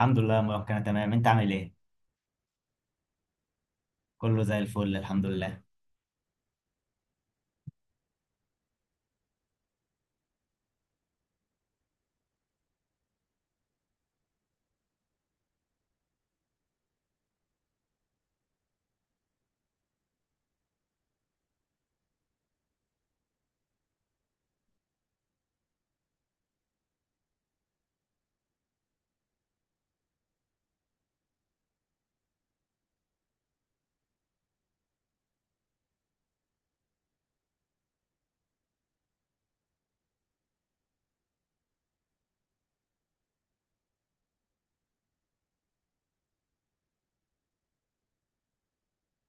الحمد لله يا مروان، كان تمام. انت عامل ايه؟ كله زي الفل الحمد لله.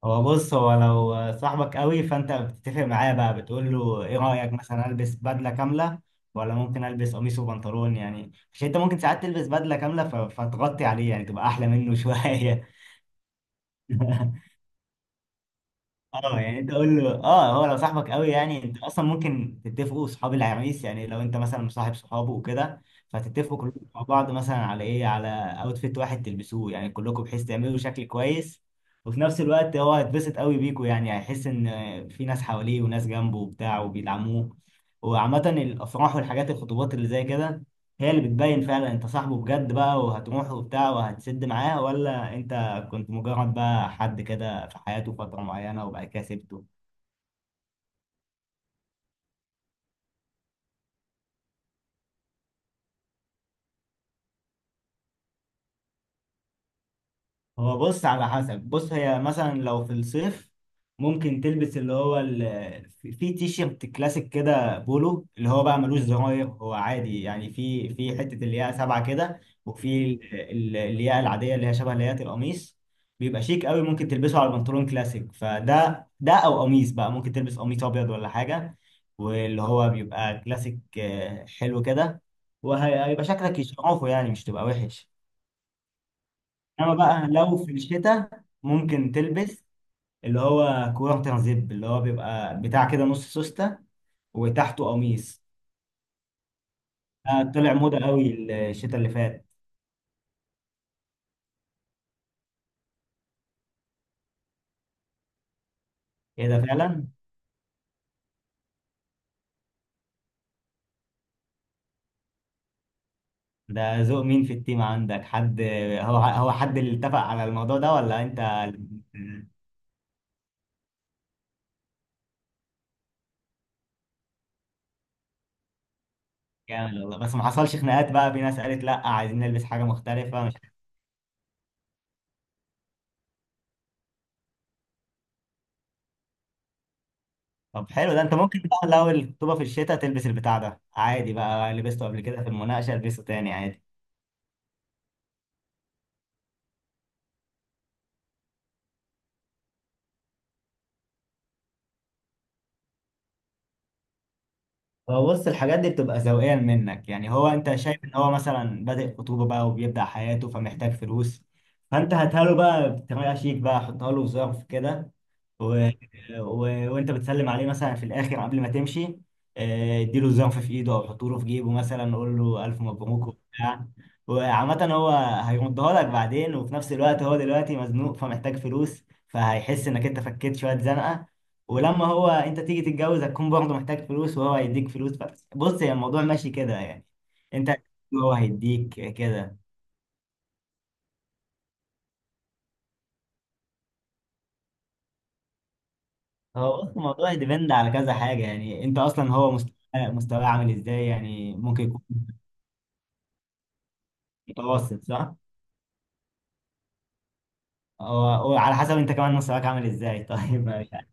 هو بص، هو لو صاحبك قوي فانت بتتفق معاه بقى، بتقول له ايه رايك؟ مثلا البس بدله كامله ولا ممكن البس قميص وبنطلون؟ يعني عشان انت ممكن ساعات تلبس بدله كامله فتغطي عليه، يعني تبقى احلى منه شويه. اه يعني انت قول له، اه هو لو صاحبك قوي يعني انت اصلا ممكن تتفقوا صحاب العريس. يعني لو انت مثلا مصاحب صحابه وكده فتتفقوا كلكم مع بعض مثلا على ايه، على اوتفيت واحد تلبسوه يعني كلكم، بحيث تعملوا شكل كويس. وفي نفس الوقت هو هيتبسط قوي بيكوا، يعني هيحس ان في ناس حواليه وناس جنبه وبتاع وبيدعموه. وعامة الافراح والحاجات الخطوبات اللي زي كده هي اللي بتبين فعلا انت صاحبه بجد بقى وهتروح وبتاع وهتسد معاه، ولا انت كنت مجرد بقى حد كده في حياته فترة معينة وبعد كده سبته. هو بص، على حسب. بص، هي مثلا لو في الصيف ممكن تلبس اللي هو ال... في تيشيرت كلاسيك كده، بولو اللي هو بقى ملوش زراير، هو عادي. يعني في حتة اللي هي سبعة كده. وفي اللي هي العادية، اللي هي شبه اللي هي القميص، بيبقى شيك قوي. ممكن تلبسه على البنطلون كلاسيك فده، او قميص بقى، ممكن تلبس قميص ابيض ولا حاجة. واللي هو بيبقى كلاسيك، حلو كده. وهيبقى شكلك يشرفه، يعني مش تبقى وحش. انما بقى لو في الشتاء ممكن تلبس اللي هو كورتن زيب، اللي هو بيبقى بتاع كده نص سوستة وتحته قميص. طلع موضة قوي الشتاء اللي فات. ايه ده فعلا؟ ده ذوق مين؟ في التيم عندك حد؟ هو حد اللي اتفق على الموضوع ده ولا انت؟ جامد والله، بس ما حصلش خناقات بقى؟ في ناس قالت لا، عايزين نلبس حاجة مختلفة، مش عارف. طب حلو ده. انت ممكن بقى لو الخطوبة في الشتاء تلبس البتاع ده عادي، بقى لبسته قبل كده في المناقشة، البسه تاني عادي. هو بص، الحاجات دي بتبقى ذوقيا منك. يعني هو انت شايف ان هو مثلا بادئ خطوبة بقى وبيبدأ حياته، فمحتاج فلوس. فانت هاتها له بقى بطريقة شيك بقى، حطها له في ظرف كده و... و... وانت بتسلم عليه مثلا في الاخر قبل ما تمشي، اديله زنف في ايده او حطه له في جيبه، مثلا قول له الف مبروك وبتاع. وعامة هو هيردها لك بعدين، وفي نفس الوقت هو دلوقتي مزنوق فمحتاج فلوس، فهيحس انك انت فكيت شوية زنقة. ولما هو انت تيجي تتجوز هتكون برضه محتاج فلوس وهو هيديك فلوس. بس بص، هي الموضوع ماشي كده يعني. انت، هو هيديك كده. هو بص، الموضوع ديبند على كذا حاجة. يعني انت اصلا هو مستواه عامل ازاي؟ يعني ممكن يكون متوسط صح؟ هو وعلى حسب انت كمان مستواك عامل ازاي. طيب يعني.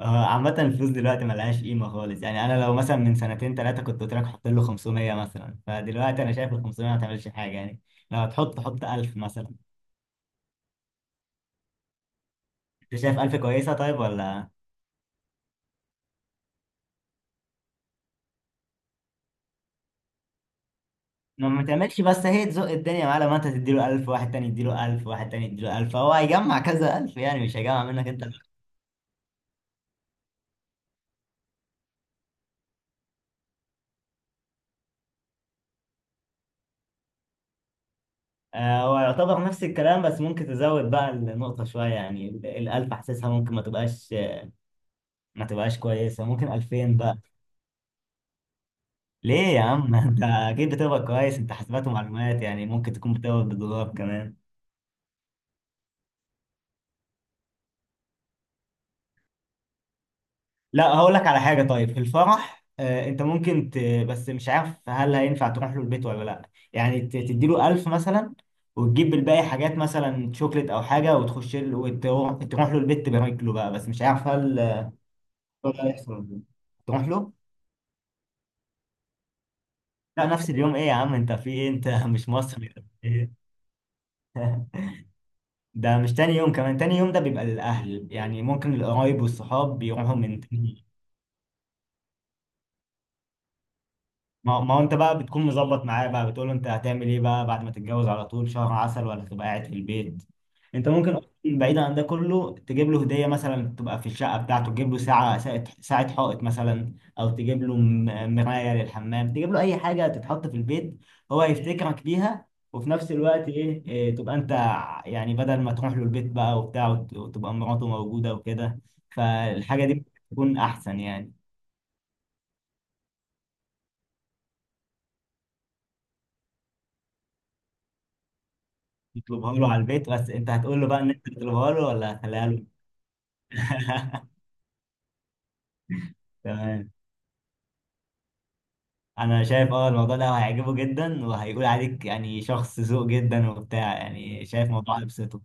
هو عامة الفلوس دلوقتي ملهاش قيمة خالص. يعني انا لو مثلا من سنتين ثلاثة كنت قلت لك حط له 500 مثلا، فدلوقتي انا شايف ال 500 ما تعملش حاجة يعني. لو هتحط حط 1000 مثلا. انت شايف 1000 كويسة طيب ولا؟ ما تعملش، بس هي تزق الدنيا معاه. لما انت تديله 1000، واحد تاني يديله 1000، واحد تاني يديله 1000، فهو هيجمع كذا 1000، يعني مش هيجمع منك انت. هو يعتبر نفس الكلام، بس ممكن تزود بقى النقطة شوية. يعني الألف حاسسها ممكن ما تبقاش كويسة، ممكن 2000 بقى. ليه يا عم؟ انت اكيد بتقبض كويس، انت حاسبات ومعلومات. يعني ممكن تكون بتقبض بالدولار كمان. لا هقول لك على حاجة. طيب في الفرح، انت ممكن ت... بس مش عارف هل هينفع تروح له البيت ولا لا. يعني ت... تديله 1000 مثلا وتجيب الباقي حاجات، مثلا شوكليت او حاجة، وتخش له وتروح تروح له البيت تبارك له بقى، بس مش عارف هل هيحصل ولا لا. تروح له. لا، نفس اليوم. ايه يا عم انت في ايه؟ انت مش مصري ولا إيه؟ ده مش تاني يوم. كمان تاني يوم ده بيبقى للأهل، يعني ممكن القرايب والصحاب بيروحوا من تاني. ما هو انت بقى بتكون مظبط معاه بقى، بتقول له انت هتعمل ايه بقى بعد ما تتجوز؟ على طول شهر عسل ولا تبقى قاعد في البيت؟ انت ممكن اصلا بعيدا عن ده كله تجيب له هديه، مثلا تبقى في الشقه بتاعته. تجيب له ساعه ساعه ساعة حائط مثلا، او تجيب له مرايه للحمام، تجيب له اي حاجه تتحط في البيت. هو هيفتكرك بيها، وفي نفس الوقت ايه, إيه تبقى انت، يعني بدل ما تروح له البيت بقى وبتاع وتبقى مراته موجوده وكده، فالحاجه دي بتكون احسن يعني. تطلبها له على البيت، بس انت هتقول له بقى ان انت تطلبها له ولا هتخليها له؟ تمام. انا شايف الموضوع ده هيعجبه جدا، وهيقول عليك يعني شخص ذوق جدا وبتاع. يعني شايف موضوع يبسطه،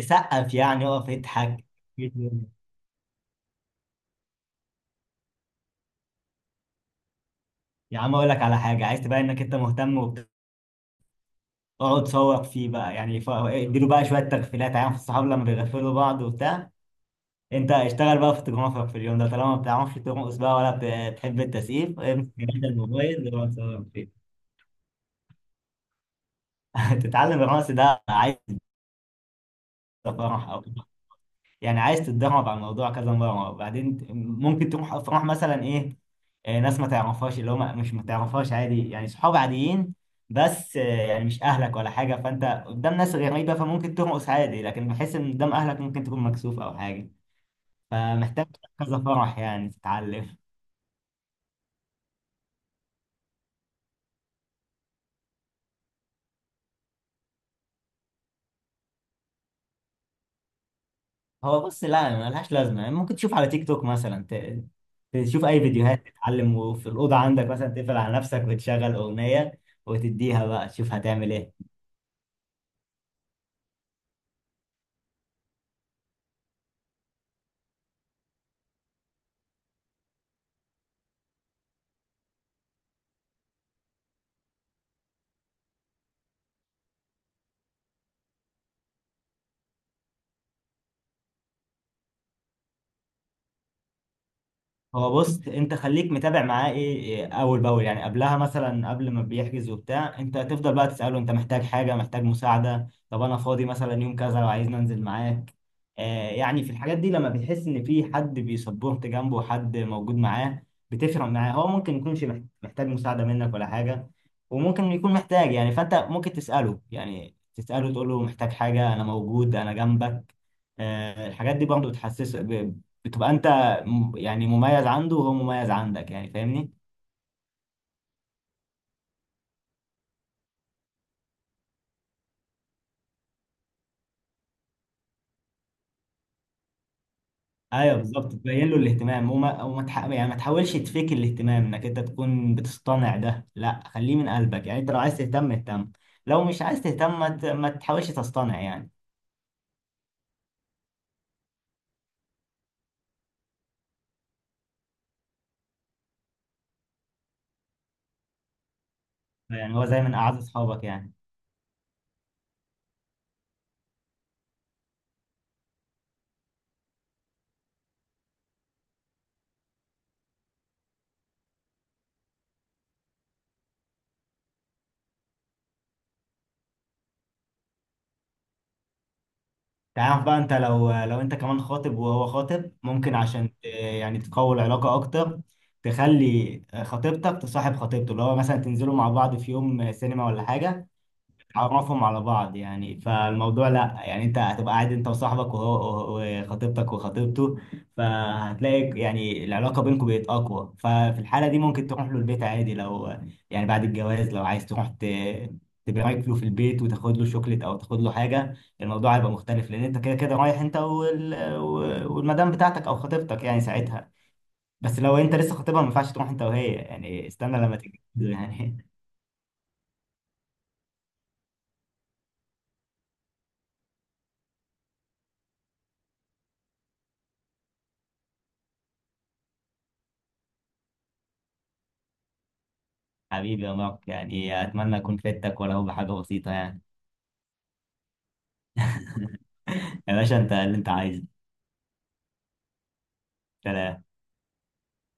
سقف. يعني اقف اضحك. يا عم اقول لك على حاجه، عايز تبين انك انت مهتم وبتاع. اقعد صوت فيه بقى، يعني اديله بقى شويه تغفيلات. عارف الصحاب لما بيغفلوا بعض وبتاع؟ انت اشتغل بقى في التجمع في اليوم ده طالما ما بتعرفش ترقص بقى ولا بتحب التسقيف. امسك يا باشا الموبايل واقعد صور فيه. تتعلم الرقص ده؟ عايز فرح، او يعني عايز تتدرب على الموضوع كذا مره وبعدين ممكن تروح افراح مثلا. ايه، ناس ما تعرفهاش، اللي هم مش ما تعرفهاش عادي، يعني صحاب عاديين بس. يعني مش اهلك ولا حاجه، فانت قدام ناس غريبه فممكن ترقص عادي. لكن بحس ان قدام اهلك ممكن تكون مكسوف او حاجه، فمحتاج كذا فرح يعني تتعلم. هو بص، لا، ملهاش لازمه. يعني ممكن تشوف على تيك توك مثلا، ت- تشوف اي فيديوهات تتعلم. وفي الاوضه عندك مثلا تقفل على نفسك وتشغل اغنيه وتديها بقى، تشوف هتعمل ايه. هو بص، انت خليك متابع معاه، ايه ايه اول باول. يعني قبلها مثلا قبل ما بيحجز وبتاع، انت تفضل بقى تساله انت محتاج حاجه؟ محتاج مساعده؟ طب انا فاضي مثلا يوم كذا لو عايز ننزل معاك. يعني في الحاجات دي لما بتحس ان في حد بيسبورت جنبه، حد موجود معاه، بتفرق معاه. هو ممكن يكونش محتاج مساعده منك ولا حاجه، وممكن يكون محتاج. يعني فانت ممكن تساله، يعني تساله تقول له محتاج حاجه؟ انا موجود، انا جنبك. الحاجات دي برضه بتحسسه، بتبقى انت يعني مميز عنده، وهو مميز عندك. يعني فاهمني؟ ايوه بالظبط، تبين له الاهتمام. يعني ما تحاولش تفيك الاهتمام انك انت تكون بتصطنع ده، لا خليه من قلبك. يعني انت لو عايز تهتم اهتم، لو مش عايز تهتم ما تحاولش تصطنع يعني. يعني هو زي من اعز اصحابك يعني. تعرف بقى انت، لو انت كمان خاطب وهو خاطب، ممكن عشان يعني تقوي العلاقة اكتر تخلي خطيبتك تصاحب خطيبته، اللي هو مثلا تنزلوا مع بعض في يوم سينما ولا حاجة. عرفهم على بعض يعني، فالموضوع لا، يعني انت هتبقى قاعد انت وصاحبك وهو وخطيبتك وخطيبته. فهتلاقي يعني العلاقة بينكم بقت اقوى. ففي الحالة دي ممكن تروح له البيت عادي، لو يعني بعد الجواز لو عايز تروح ت... تبارك له في البيت وتاخد له شوكليت او تاخد له حاجة، الموضوع هيبقى مختلف. لان انت كده كده رايح انت وال... والمدام بتاعتك او خطيبتك، يعني ساعتها. بس لو انت لسه خطيبها ما ينفعش تروح انت وهي، يعني استنى لما تتجوزوا يعني. حبيبي يا مارك، يعني اتمنى اكون فدتك ولو بحاجه بسيطه يعني. يا باشا انت اللي انت عايزه. سلام.